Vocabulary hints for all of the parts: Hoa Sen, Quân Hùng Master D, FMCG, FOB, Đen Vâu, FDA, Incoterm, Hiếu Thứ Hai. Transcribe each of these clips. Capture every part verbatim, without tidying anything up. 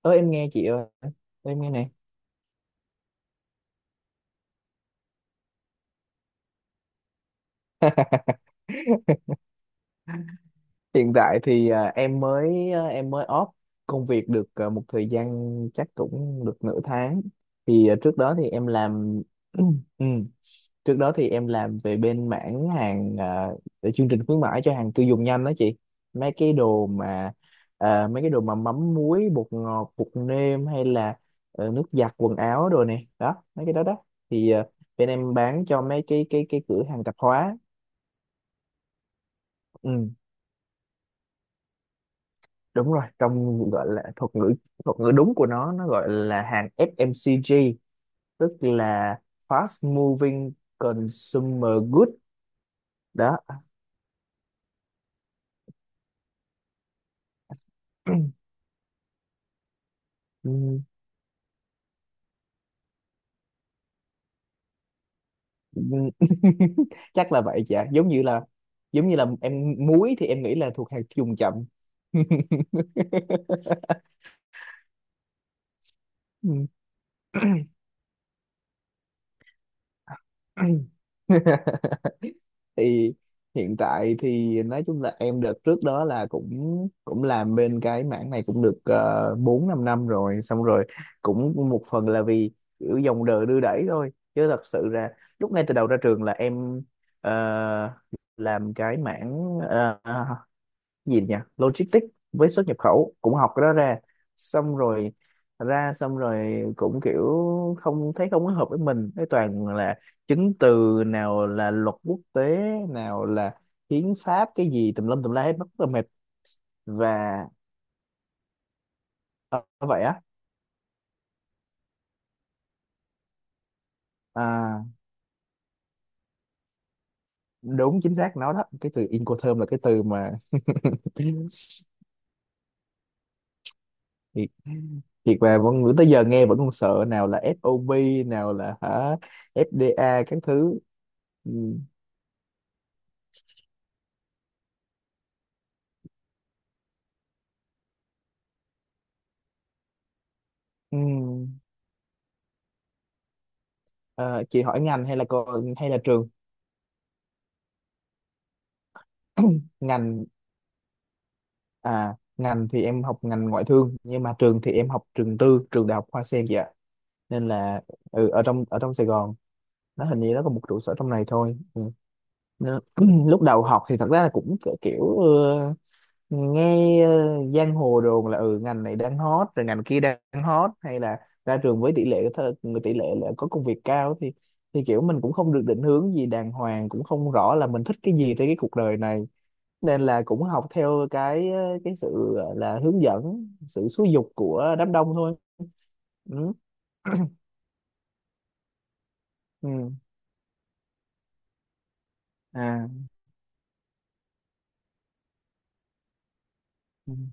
Ơ, em nghe chị ơi. Em nghe nè. Hiện tại thì à, em mới à, em mới off công việc được à, một thời gian, chắc cũng được nửa tháng. Thì à, trước đó thì em làm Ừ. Trước đó thì em làm về bên mảng hàng, à, về chương trình khuyến mãi cho hàng tiêu dùng nhanh đó chị. Mấy cái đồ mà à, mấy cái đồ mà mắm muối bột ngọt bột nêm hay là ờ, nước giặt quần áo rồi nè đó, mấy cái đó đó. Thì à, bên em bán cho mấy cái cái cái cửa hàng tạp hóa. Ừ, đúng rồi, trong gọi là thuật ngữ, thuật ngữ đúng của nó nó gọi là hàng ép em xê giê, tức là Fast Moving Consumer Good đó. Ừ, ừ. Chắc là vậy chả, giống như là giống như là em muối thì em nghĩ là thuộc hàng tiêu dùng chậm. Ừ. Thì hiện tại thì nói chung là em đợt trước đó là cũng cũng làm bên cái mảng này cũng được uh, bốn 5 năm rồi. Xong rồi cũng một phần là vì kiểu dòng đời đưa đẩy thôi, chứ thật sự ra lúc ngay từ đầu ra trường là em ờ, làm cái mảng ờ, gì nhỉ, logistics với xuất nhập khẩu, cũng học cái đó ra. Xong rồi ra xong rồi cũng kiểu không thấy không có hợp với mình, cái toàn là chứng từ, nào là luật quốc tế, nào là hiến pháp, cái gì tùm lum tùm la hết, rất là mệt. Và ờ, vậy á. À, đúng, chính xác nó đó, cái từ Incoterm là cái từ mà thiệt, thiệt mà vẫn tới giờ nghe vẫn còn sợ, nào là ép ô bê, nào là hả, ép đê a các thứ. Ừ. Ừ. Ờ, chị hỏi ngành hay là co- hay là trường? Ngành, à ngành thì em học ngành ngoại thương, nhưng mà trường thì em học trường tư, trường đại học Hoa Sen vậy ạ. Nên là ừ, ở trong ở trong Sài Gòn, nó hình như nó có một trụ sở trong này thôi. Ừ. Nó- lúc đầu học thì thật ra là cũng kiểu, kiểu nghe ờ, giang hồ đồn là ừ, ngành này đang hot, rồi ngành kia đang hot, hay là ra trường với tỷ lệ thơ- tỷ lệ là có công việc cao, thì thì kiểu mình cũng không được định hướng gì đàng hoàng, cũng không rõ là mình thích cái gì trên cái cuộc đời này. Nên là cũng học theo cái ờ, cái sự ờ, là hướng dẫn, sự xúi giục của đám đông thôi. Ừ. Ừ. À. Ừ.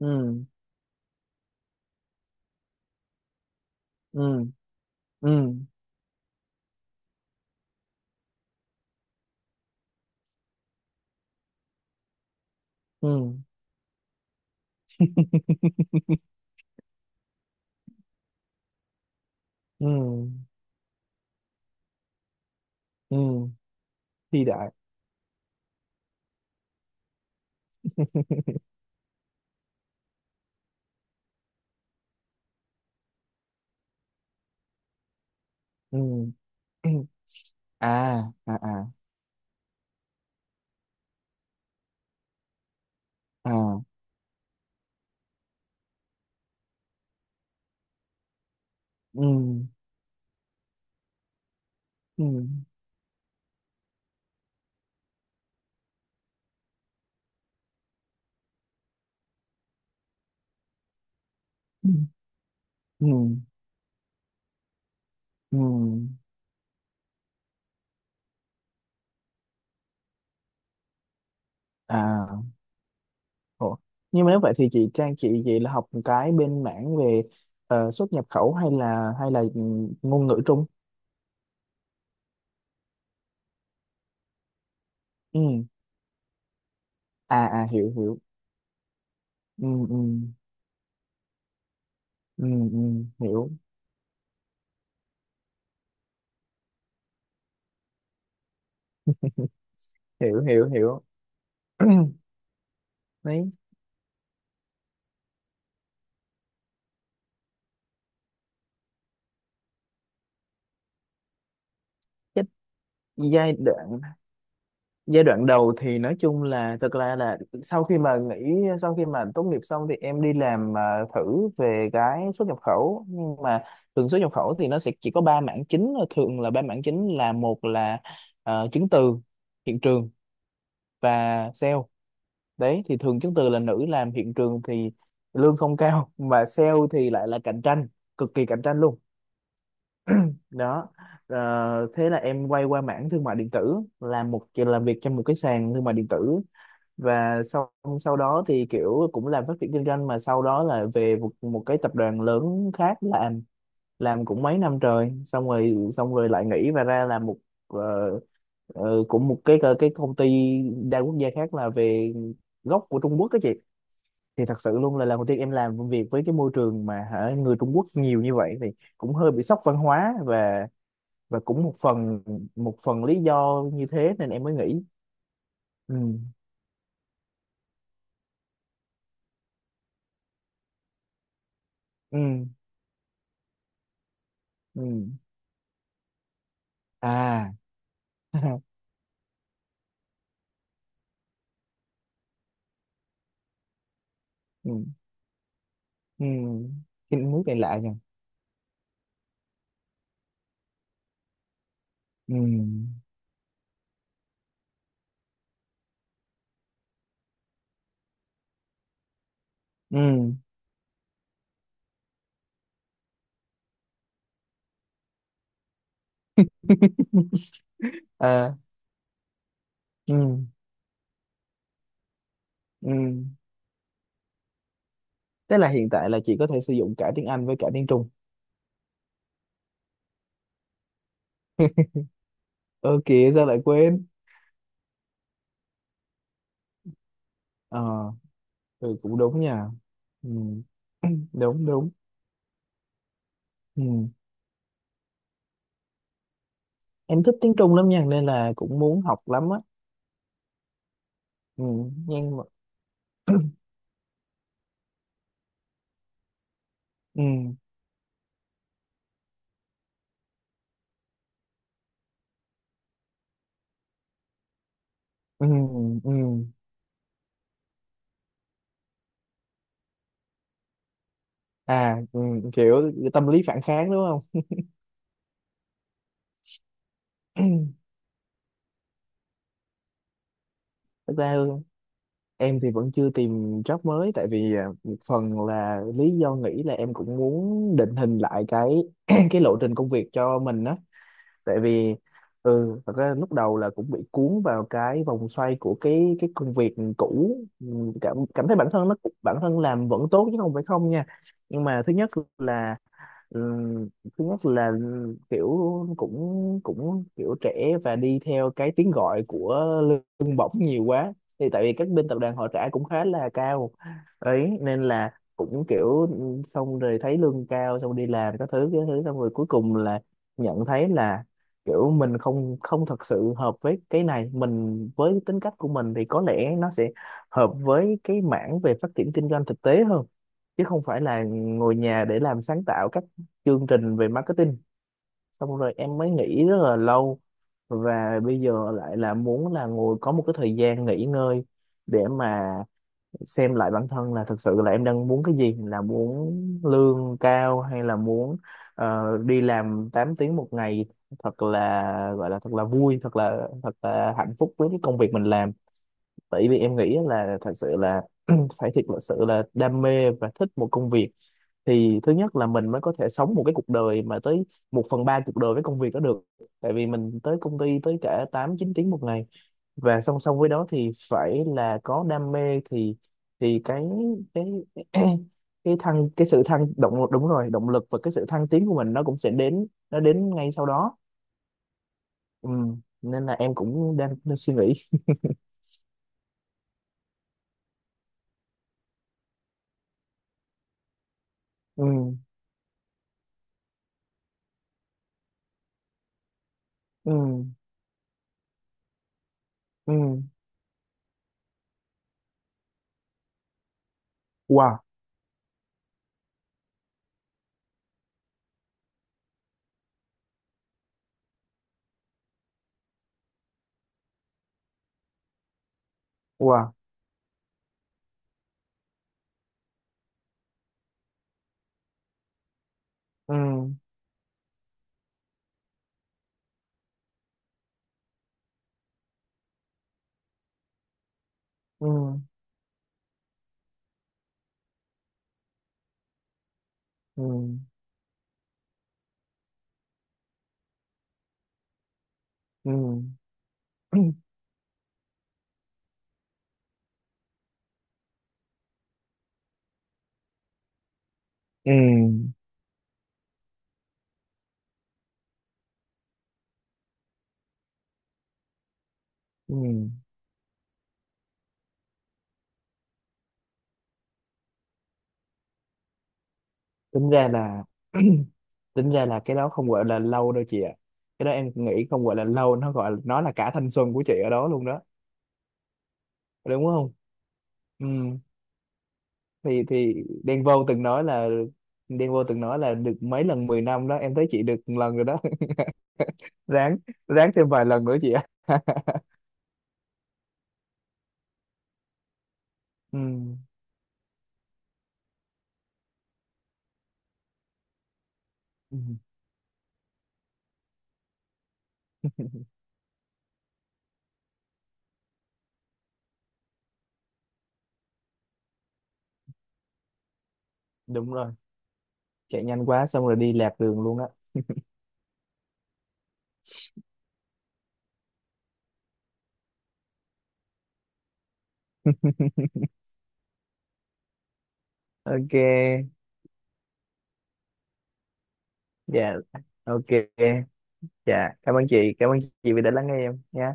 Ừ. Ừ. Ừ. Ừ. Ừ. Ừ thì đại. Ừ. À à à. À. Ừ. Ừ. Ừ. Ừ. Ừ. À. Ủa. Nhưng mà nếu vậy thì chị Trang, chị vậy là học một cái bên mảng về ờ, xuất nhập khẩu hay là hay là ngôn ngữ Trung? Ừ. À à. Hiểu hiểu. Ừ. Ừ. Ừ, ừ. Hiểu hiểu hiểu. Hiểu. Đấy. Cái giai đoạn giai đoạn đầu thì nói chung là thực ra là sau khi mà nghỉ, sau khi mà tốt nghiệp xong thì em đi làm à, thử về cái xuất nhập khẩu. Nhưng mà thường xuất nhập khẩu thì nó sẽ chỉ có ba mảng chính, thường là ba mảng chính là: một là ờ, chứng từ, hiện trường và sale. Đấy, thì thường chứng từ là nữ làm, hiện trường thì lương không cao, mà sale thì lại là cạnh tranh, cực kỳ cạnh tranh luôn đó. Ờ, thế là em quay qua mảng thương mại điện tử, làm một làm việc trong một cái sàn thương mại điện tử. Và sau sau đó thì kiểu cũng làm phát triển kinh doanh, mà sau đó là về một, một cái tập đoàn lớn khác làm, làm cũng mấy năm trời. Xong rồi xong rồi lại nghỉ và ra làm một ờ, ờ, cũng một cái ờ, cái công ty đa quốc gia khác, là về gốc của Trung Quốc đó chị. Thì thật sự luôn là lần đầu tiên em làm công việc với cái môi trường mà hả, người Trung Quốc nhiều như vậy thì cũng hơi bị sốc văn hóa. Và và cũng một phần, một phần lý do như thế nên em mới nghỉ. Ừ. Ừ. Ừ. À. Ừ. Ừ. Cái nước này lạ nhỉ. Ừ. Ừ. À. Ừ. Ừ. Thế là hiện tại là chị có thể sử dụng cả tiếng Anh với cả tiếng Trung? Ơ kìa, sao lại quên? Ờ. Ừ, cũng đúng nha. Ừ. Đúng đúng. Ừ. Em thích tiếng Trung lắm nha, nên là cũng muốn học lắm á. Ừ. Nhưng mà. Ừ. Ừ. Ừ. À. Ừ. Kiểu tâm lý phản kháng, đúng không? Thực ra em thì vẫn chưa tìm job mới, tại vì à, một phần là lý do nghĩ là em cũng muốn định hình lại cái cái lộ trình công việc cho mình á. Tại vì ừ thật ra lúc đầu là cũng bị cuốn vào cái vòng xoay của cái cái công việc cũ. Ừ, cảm cảm thấy bản thân nó, bản thân làm vẫn tốt chứ không phải không nha. Nhưng mà thứ nhất là, Ừ, thứ nhất là ừ, kiểu cũng, cũng kiểu trẻ và đi theo cái tiếng gọi của lương bổng nhiều quá. Thì tại vì các bên tập đoàn họ trả cũng khá là cao ấy, nên là cũng kiểu ừ, xong rồi thấy lương cao, xong đi làm các thứ cái thứ, xong rồi cuối cùng là nhận thấy là kiểu mình không không thật sự hợp với cái này. Mình, với tính cách của mình thì có lẽ nó sẽ hợp với cái mảng về phát triển kinh doanh thực tế hơn, chứ không phải là ngồi nhà để làm sáng tạo các chương trình về marketing. Xong rồi em mới nghĩ rất là lâu, và bây giờ lại là muốn là ngồi, có một cái thời gian nghỉ ngơi để mà xem lại bản thân là thực sự là em đang muốn cái gì, là muốn lương cao hay là muốn ờ, đi làm tám tiếng một ngày, thật là gọi là thật là vui, thật là thật là hạnh phúc với cái công việc mình làm. Tại vì em nghĩ là thật sự là phải thiệt là sự là đam mê và thích một công việc, thì thứ nhất là mình mới có thể sống một cái cuộc đời mà tới một phần ba cuộc đời với công việc đó được. Tại vì mình tới công ty tới cả tám chín tiếng một ngày. Và song song với đó thì phải là có đam mê, thì thì cái cái cái thăng, cái sự thăng động, đúng rồi, động lực và cái sự thăng tiến của mình nó cũng sẽ đến, nó đến ngay sau đó. Ừ. Nên là em cũng đang, đang suy nghĩ. Ừ. Ừ. Ừ. Wow wow. Ừ. Ừ. Ừ. Ừ. Ừ. Ừ. Tính ra là tính ra là cái đó không gọi là lâu đâu chị ạ. Cái đó em nghĩ không gọi là lâu, nó gọi nó là cả thanh xuân của chị ở đó luôn đó, đúng không? Ừ. Thì thì Đen Vâu từng nói là Đen Vâu từng nói là được mấy lần mười năm đó, em thấy chị được một lần rồi đó. Ráng, ráng thêm vài lần nữa chị ạ. Ừ. Ừ, đúng rồi, chạy nhanh quá xong rồi đi lạc đường luôn á. Ok. Dạ. Ok. Dạ cảm ơn chị, cảm ơn chị vì đã lắng nghe em nha.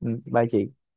Ừ, bye chị.